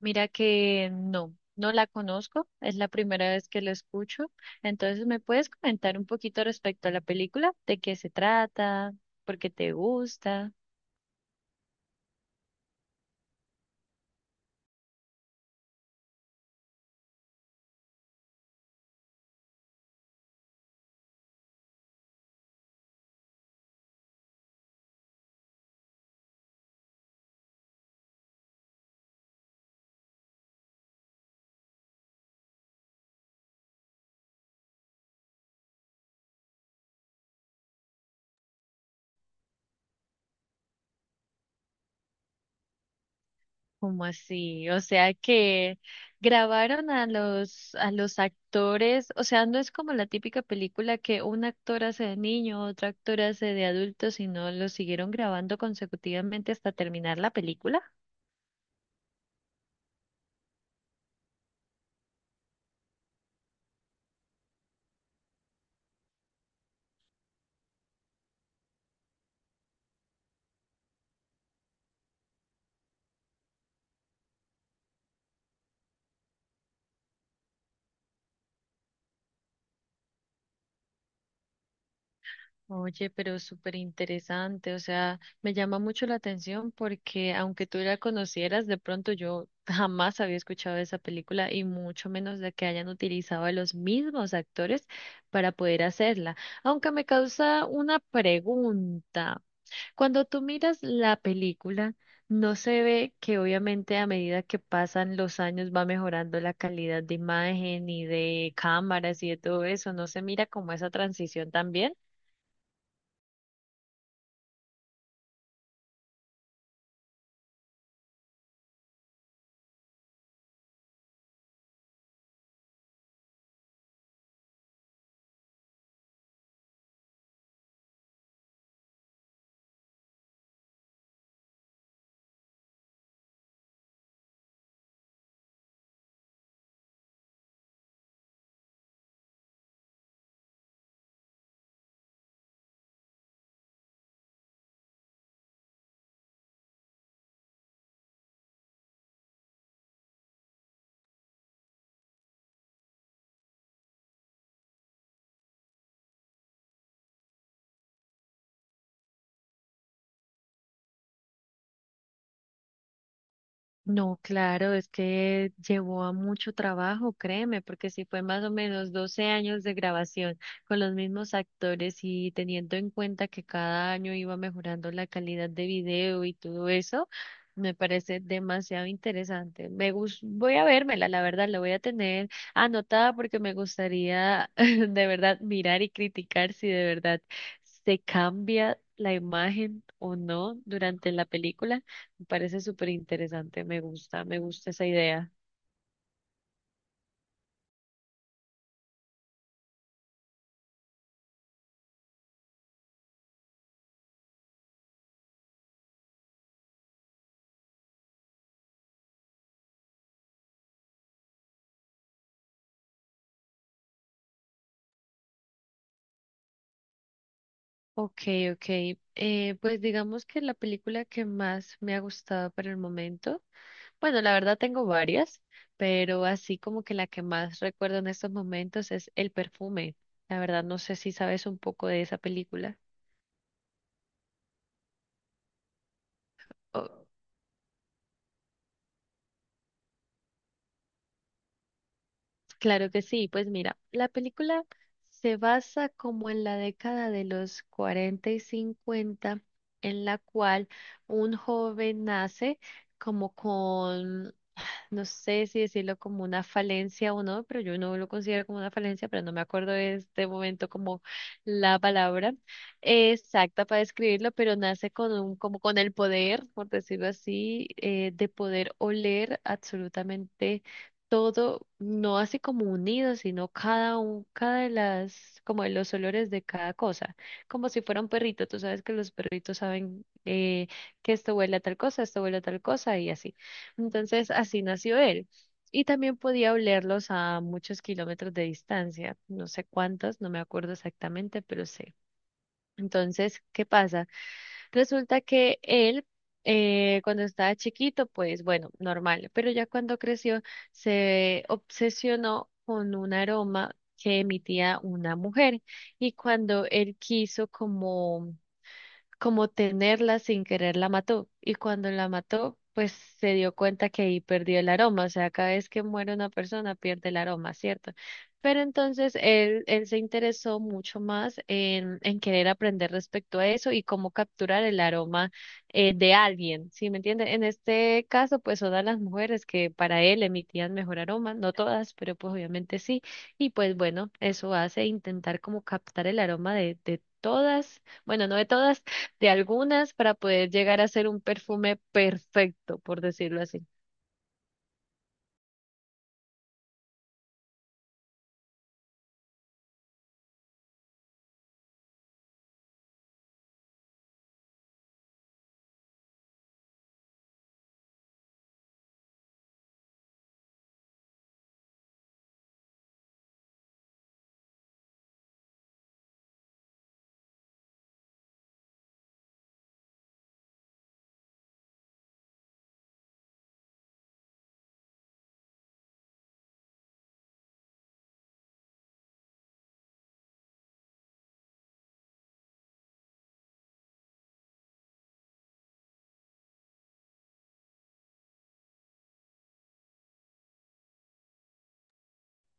Mira que no, no la conozco, es la primera vez que la escucho. Entonces, ¿me puedes comentar un poquito respecto a la película? ¿De qué se trata? ¿Por qué te gusta? ¿Cómo así? O sea que grabaron a los actores, o sea, no es como la típica película que un actor hace de niño, otro actor hace de adulto, sino lo siguieron grabando consecutivamente hasta terminar la película. Oye, pero súper interesante, o sea, me llama mucho la atención porque aunque tú la conocieras, de pronto yo jamás había escuchado de esa película y mucho menos de que hayan utilizado a los mismos actores para poder hacerla. Aunque me causa una pregunta. Cuando tú miras la película, no se ve que obviamente a medida que pasan los años va mejorando la calidad de imagen y de cámaras y de todo eso, no se mira como esa transición también. No, claro, es que llevó a mucho trabajo, créeme, porque si fue más o menos 12 años de grabación con los mismos actores y teniendo en cuenta que cada año iba mejorando la calidad de video y todo eso, me parece demasiado interesante. Voy a vérmela, la verdad, la voy a tener anotada porque me gustaría de verdad mirar y criticar si de verdad se cambia la imagen o no durante la película. Me parece súper interesante, me gusta esa idea. Ok, ok. Pues digamos que la película que más me ha gustado por el momento, bueno, la verdad tengo varias, pero así como que la que más recuerdo en estos momentos es El perfume. La verdad no sé si sabes un poco de esa película. Claro que sí, pues mira, la película se basa como en la década de los 40 y 50, en la cual un joven nace como con no sé si decirlo como una falencia o no, pero yo no lo considero como una falencia, pero no me acuerdo de este momento como la palabra exacta para describirlo, pero nace con un, como con el poder, por decirlo así, de poder oler absolutamente todo, no así como unido, sino cada un, como de los olores de cada cosa, como si fuera un perrito, tú sabes que los perritos saben que esto huele a tal cosa, esto huele a tal cosa y así. Entonces, así nació él. Y también podía olerlos a muchos kilómetros de distancia, no sé cuántos, no me acuerdo exactamente, pero sé. Entonces, ¿qué pasa? Resulta que él, cuando estaba chiquito, pues bueno, normal, pero ya cuando creció, se obsesionó con un aroma que emitía una mujer. Y cuando él quiso como tenerla sin querer la mató. Y cuando la mató, pues se dio cuenta que ahí perdió el aroma. O sea, cada vez que muere una persona pierde el aroma, ¿cierto? Pero entonces él se interesó mucho más en querer aprender respecto a eso y cómo capturar el aroma de alguien, ¿sí me entienden? En este caso, pues todas las mujeres que para él emitían mejor aroma, no todas, pero pues obviamente sí. Y pues bueno, eso hace intentar como captar el aroma de todas. Bueno, no de todas, de algunas para poder llegar a ser un perfume perfecto, por decirlo así.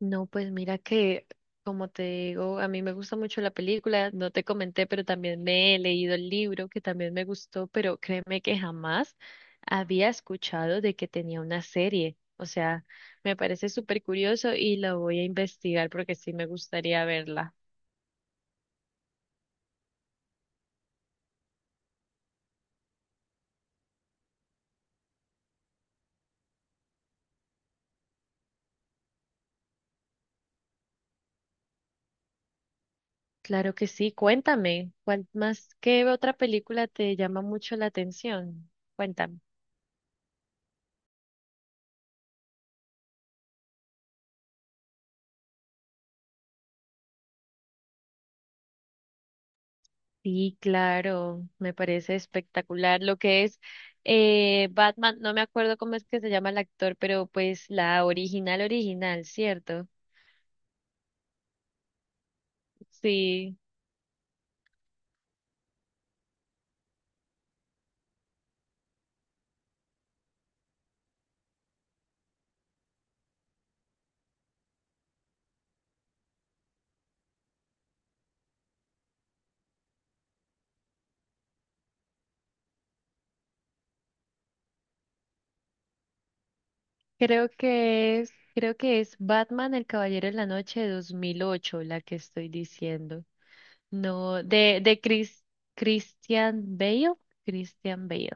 No, pues mira que, como te digo, a mí me gusta mucho la película, no te comenté, pero también me he leído el libro que también me gustó, pero créeme que jamás había escuchado de que tenía una serie. O sea, me parece súper curioso y la voy a investigar porque sí me gustaría verla. Claro que sí, cuéntame, ¿cuál más, qué otra película te llama mucho la atención? Cuéntame. Sí, claro, me parece espectacular lo que es Batman, no me acuerdo cómo es que se llama el actor, pero pues la original original, ¿cierto? Sí, creo que es Batman el Caballero de la Noche de 2008 la que estoy diciendo. No, de Christian Bale, Christian Bale.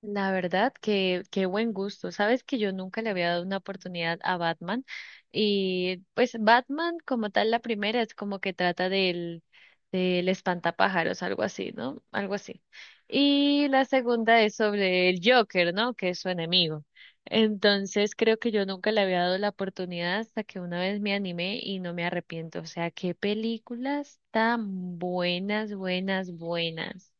La verdad, que qué buen gusto. Sabes que yo nunca le había dado una oportunidad a Batman. Y pues Batman, como tal, la primera es como que trata del, del espantapájaros, algo así, ¿no? Algo así. Y la segunda es sobre el Joker, ¿no? Que es su enemigo. Entonces creo que yo nunca le había dado la oportunidad hasta que una vez me animé y no me arrepiento. O sea, qué películas tan buenas, buenas, buenas.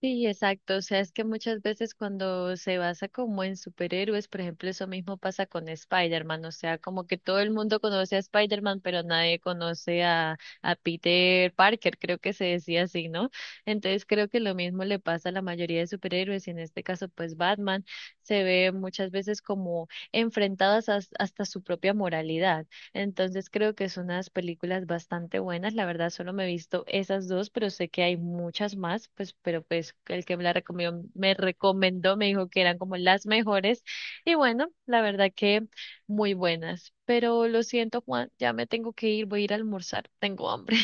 Sí, exacto. O sea, es que muchas veces cuando se basa como en superhéroes, por ejemplo, eso mismo pasa con Spider-Man. O sea, como que todo el mundo conoce a Spider-Man, pero nadie conoce a Peter Parker, creo que se decía así, ¿no? Entonces creo que lo mismo le pasa a la mayoría de superhéroes y en este caso, pues Batman se ve muchas veces como enfrentadas hasta su propia moralidad. Entonces creo que son unas películas bastante buenas. La verdad, solo me he visto esas dos, pero sé que hay muchas más, pues, pero pues el que me recomendó, me dijo que eran como las mejores. Y bueno, la verdad que muy buenas. Pero lo siento, Juan, ya me tengo que ir, voy a ir a almorzar, tengo hambre.